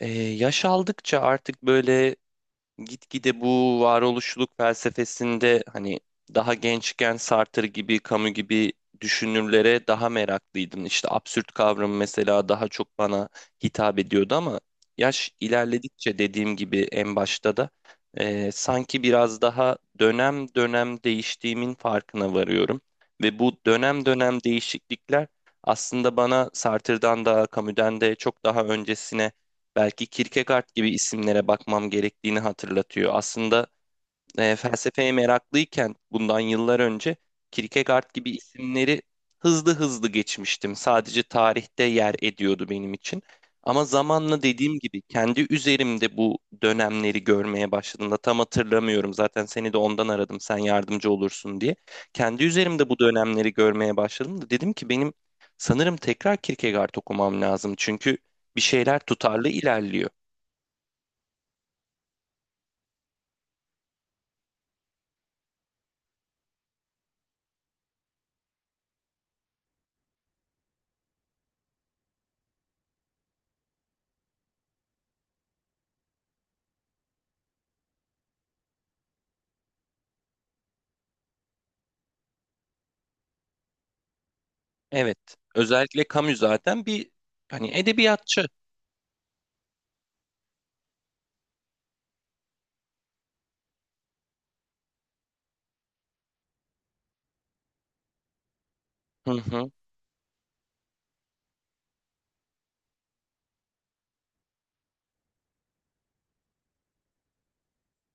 Yaş aldıkça artık böyle gitgide bu varoluşluluk felsefesinde hani daha gençken Sartre gibi, Camus gibi düşünürlere daha meraklıydım. İşte absürt kavramı mesela daha çok bana hitap ediyordu ama yaş ilerledikçe dediğim gibi en başta da sanki biraz daha dönem dönem değiştiğimin farkına varıyorum. Ve bu dönem dönem değişiklikler aslında bana Sartre'dan da Camus'den de çok daha öncesine belki Kierkegaard gibi isimlere bakmam gerektiğini hatırlatıyor. Aslında felsefeye meraklıyken bundan yıllar önce Kierkegaard gibi isimleri hızlı hızlı geçmiştim. Sadece tarihte yer ediyordu benim için. Ama zamanla dediğim gibi kendi üzerimde bu dönemleri görmeye başladığımda tam hatırlamıyorum. Zaten seni de ondan aradım sen yardımcı olursun diye. Kendi üzerimde bu dönemleri görmeye başladım da dedim ki benim sanırım tekrar Kierkegaard okumam lazım. Çünkü bir şeyler tutarlı ilerliyor. Evet. Özellikle Camus zaten bir hani edebiyatçı. Hı hı.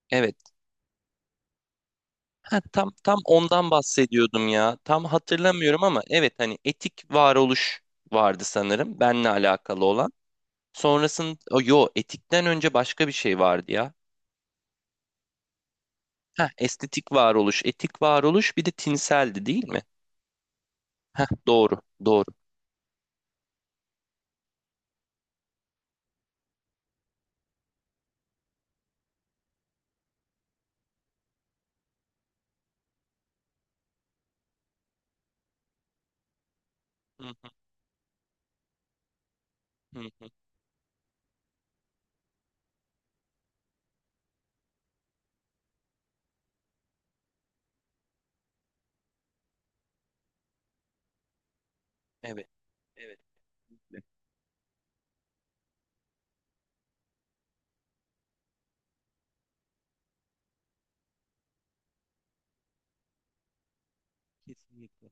Evet. Ha, tam ondan bahsediyordum ya. Tam hatırlamıyorum ama evet hani etik varoluş vardı sanırım benle alakalı olan. Sonrasında o, yo etikten önce başka bir şey vardı ya. Ha, estetik varoluş, etik varoluş bir de tinseldi değil mi? Doğru, doğru. Hı hı, hı hı. Evet, evet, evet. Kesinlikle.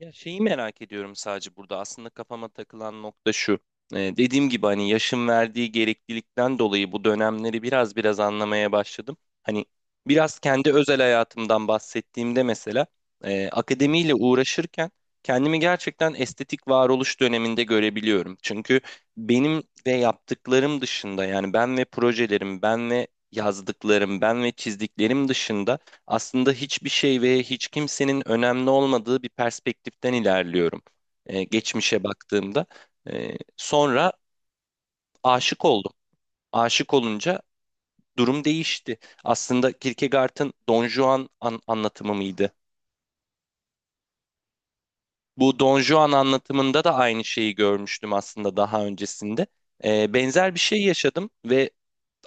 Ya şeyi merak ediyorum sadece burada. Aslında kafama takılan nokta şu. Dediğim gibi hani yaşın verdiği gereklilikten dolayı bu dönemleri biraz biraz anlamaya başladım. Hani biraz kendi özel hayatımdan bahsettiğimde mesela akademiyle uğraşırken kendimi gerçekten estetik varoluş döneminde görebiliyorum. Çünkü benim ve yaptıklarım dışında yani ben ve projelerim, ben ve yazdıklarım, ben ve çizdiklerim dışında aslında hiçbir şey ve hiç kimsenin önemli olmadığı bir perspektiften ilerliyorum. Geçmişe baktığımda. Sonra aşık oldum. Aşık olunca durum değişti. Aslında Kierkegaard'ın Don Juan anlatımı mıydı? Bu Don Juan anlatımında da aynı şeyi görmüştüm aslında daha öncesinde. Benzer bir şey yaşadım ve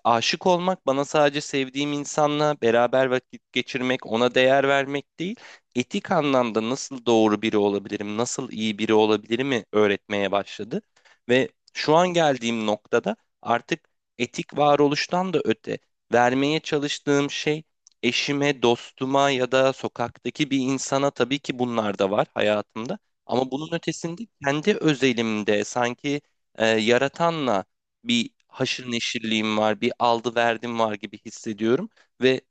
aşık olmak bana sadece sevdiğim insanla beraber vakit geçirmek, ona değer vermek değil, etik anlamda nasıl doğru biri olabilirim, nasıl iyi biri olabilirimi öğretmeye başladı. Ve şu an geldiğim noktada artık etik varoluştan da öte vermeye çalıştığım şey eşime, dostuma ya da sokaktaki bir insana, tabii ki bunlar da var hayatımda. Ama bunun ötesinde kendi özelimde sanki yaratanla bir haşır neşirliğim var, bir aldı verdim var gibi hissediyorum ve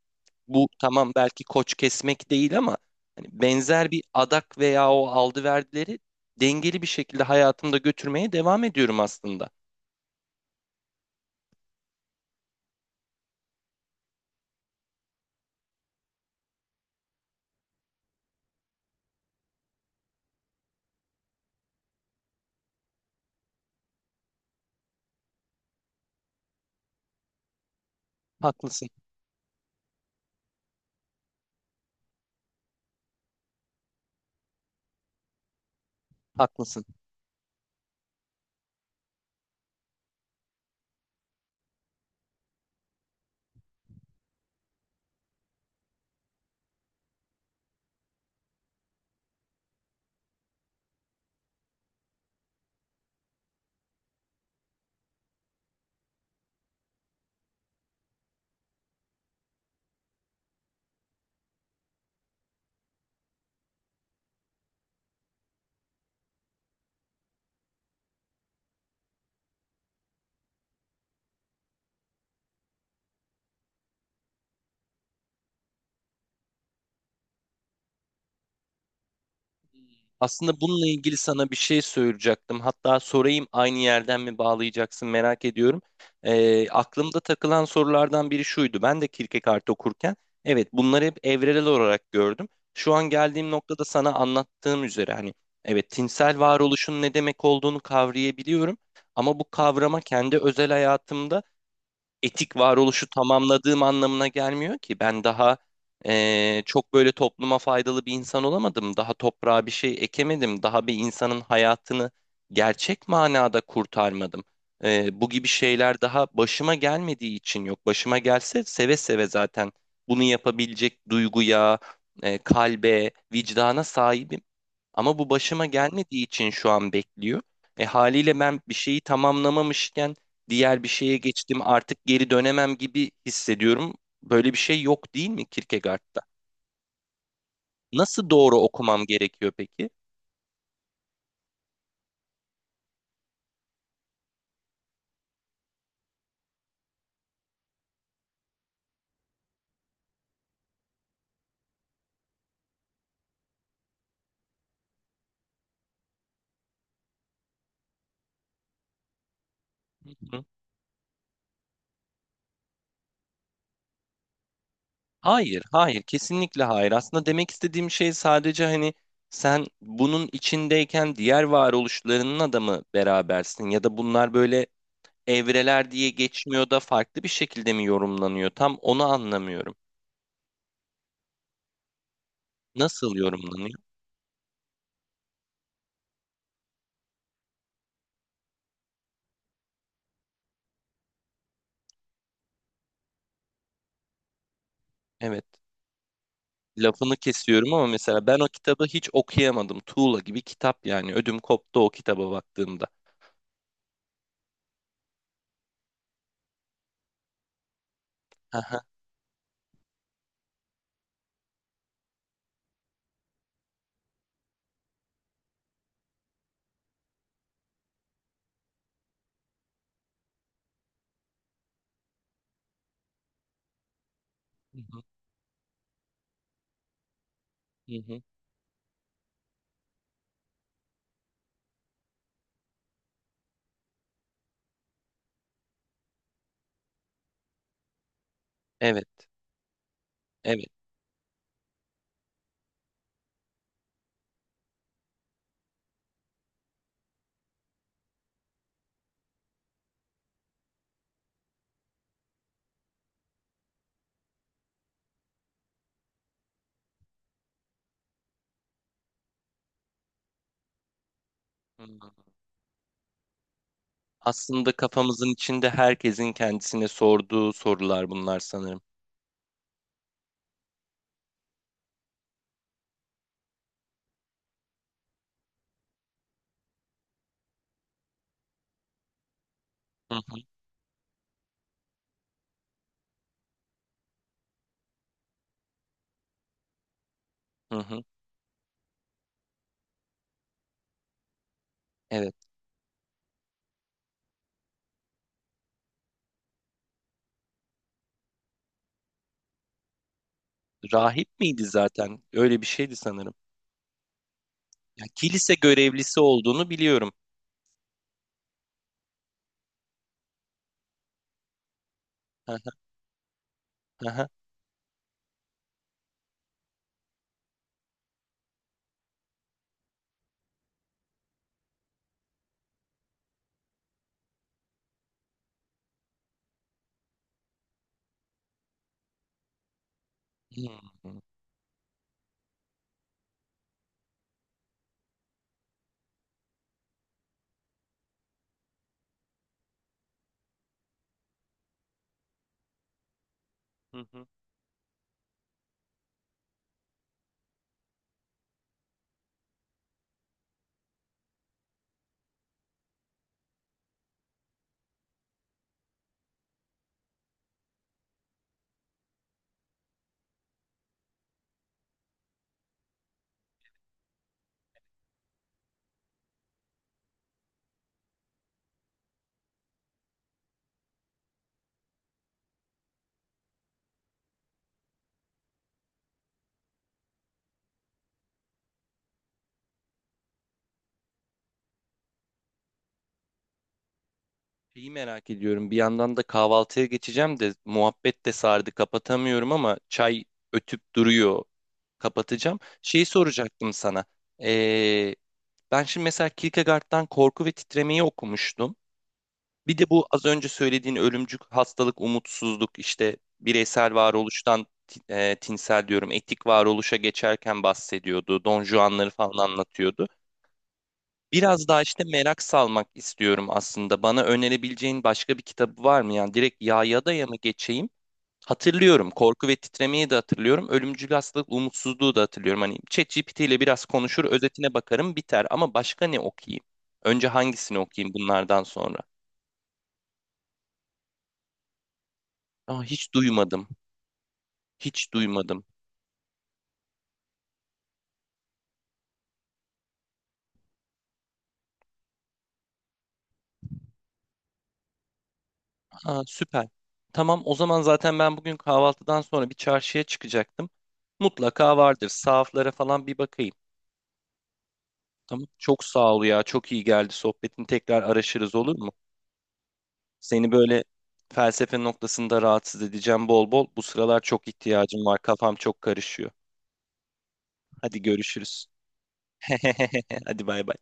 bu tamam belki koç kesmek değil ama hani benzer bir adak veya o aldı verdileri dengeli bir şekilde hayatımda götürmeye devam ediyorum aslında. Haklısın, haklısın. Aslında bununla ilgili sana bir şey söyleyecektim. Hatta sorayım aynı yerden mi bağlayacaksın merak ediyorum. Aklımda takılan sorulardan biri şuydu. Ben de Kierkegaard okurken evet bunları hep evrelel olarak gördüm. Şu an geldiğim noktada sana anlattığım üzere hani evet tinsel varoluşun ne demek olduğunu kavrayabiliyorum. Ama bu kavrama kendi özel hayatımda etik varoluşu tamamladığım anlamına gelmiyor ki. Ben daha çok böyle topluma faydalı bir insan olamadım. Daha toprağa bir şey ekemedim. Daha bir insanın hayatını gerçek manada kurtarmadım. Bu gibi şeyler daha başıma gelmediği için yok. Başıma gelse seve seve zaten bunu yapabilecek duyguya, kalbe, vicdana sahibim. Ama bu başıma gelmediği için şu an bekliyor. E haliyle ben bir şeyi tamamlamamışken diğer bir şeye geçtim artık geri dönemem gibi hissediyorum. Böyle bir şey yok değil mi Kierkegaard'da? Nasıl doğru okumam gerekiyor peki? Hı hı. Hayır, hayır, kesinlikle hayır. Aslında demek istediğim şey sadece hani sen bunun içindeyken diğer varoluşlarının da mı berabersin ya da bunlar böyle evreler diye geçmiyor da farklı bir şekilde mi yorumlanıyor? Tam onu anlamıyorum. Nasıl yorumlanıyor? Evet. Lafını kesiyorum ama mesela ben o kitabı hiç okuyamadım. Tuğla gibi kitap yani. Ödüm koptu o kitaba baktığımda. Aha. Hı hı, hı hı. Evet. Evet. Hı. Aslında kafamızın içinde herkesin kendisine sorduğu sorular bunlar sanırım. Hı hı, hı hı. Evet. Rahip miydi zaten? Öyle bir şeydi sanırım. Ya, kilise görevlisi olduğunu biliyorum. Hı hı, hı hı. Hı hı, hı hı. Şeyi merak ediyorum. Bir yandan da kahvaltıya geçeceğim de muhabbet de sardı. Kapatamıyorum ama çay ötüp duruyor. Kapatacağım. Şeyi soracaktım sana. Ee, Ben şimdi mesela Kierkegaard'dan Korku ve Titremeyi okumuştum. Bir de bu az önce söylediğin ölümcül hastalık, umutsuzluk, işte bireysel varoluştan tinsel diyorum, etik varoluşa geçerken bahsediyordu. Don Juan'ları falan anlatıyordu. Biraz daha işte merak salmak istiyorum aslında. Bana önerebileceğin başka bir kitabı var mı? Yani direkt Ya'ya da ya mı geçeyim? Hatırlıyorum. Korku ve Titremeyi de hatırlıyorum. Ölümcül Hastalık, Umutsuzluğu da hatırlıyorum. Hani ChatGPT ile biraz konuşur, özetine bakarım, biter. Ama başka ne okuyayım? Önce hangisini okuyayım bunlardan sonra? Aa, hiç duymadım. Hiç duymadım. Ha, süper. Tamam, o zaman zaten ben bugün kahvaltıdan sonra bir çarşıya çıkacaktım. Mutlaka vardır. Sahaflara falan bir bakayım. Tamam. Çok sağ ol ya. Çok iyi geldi sohbetin. Tekrar araşırız olur mu? Seni böyle felsefe noktasında rahatsız edeceğim bol bol. Bu sıralar çok ihtiyacım var. Kafam çok karışıyor. Hadi görüşürüz. Hadi bay bay.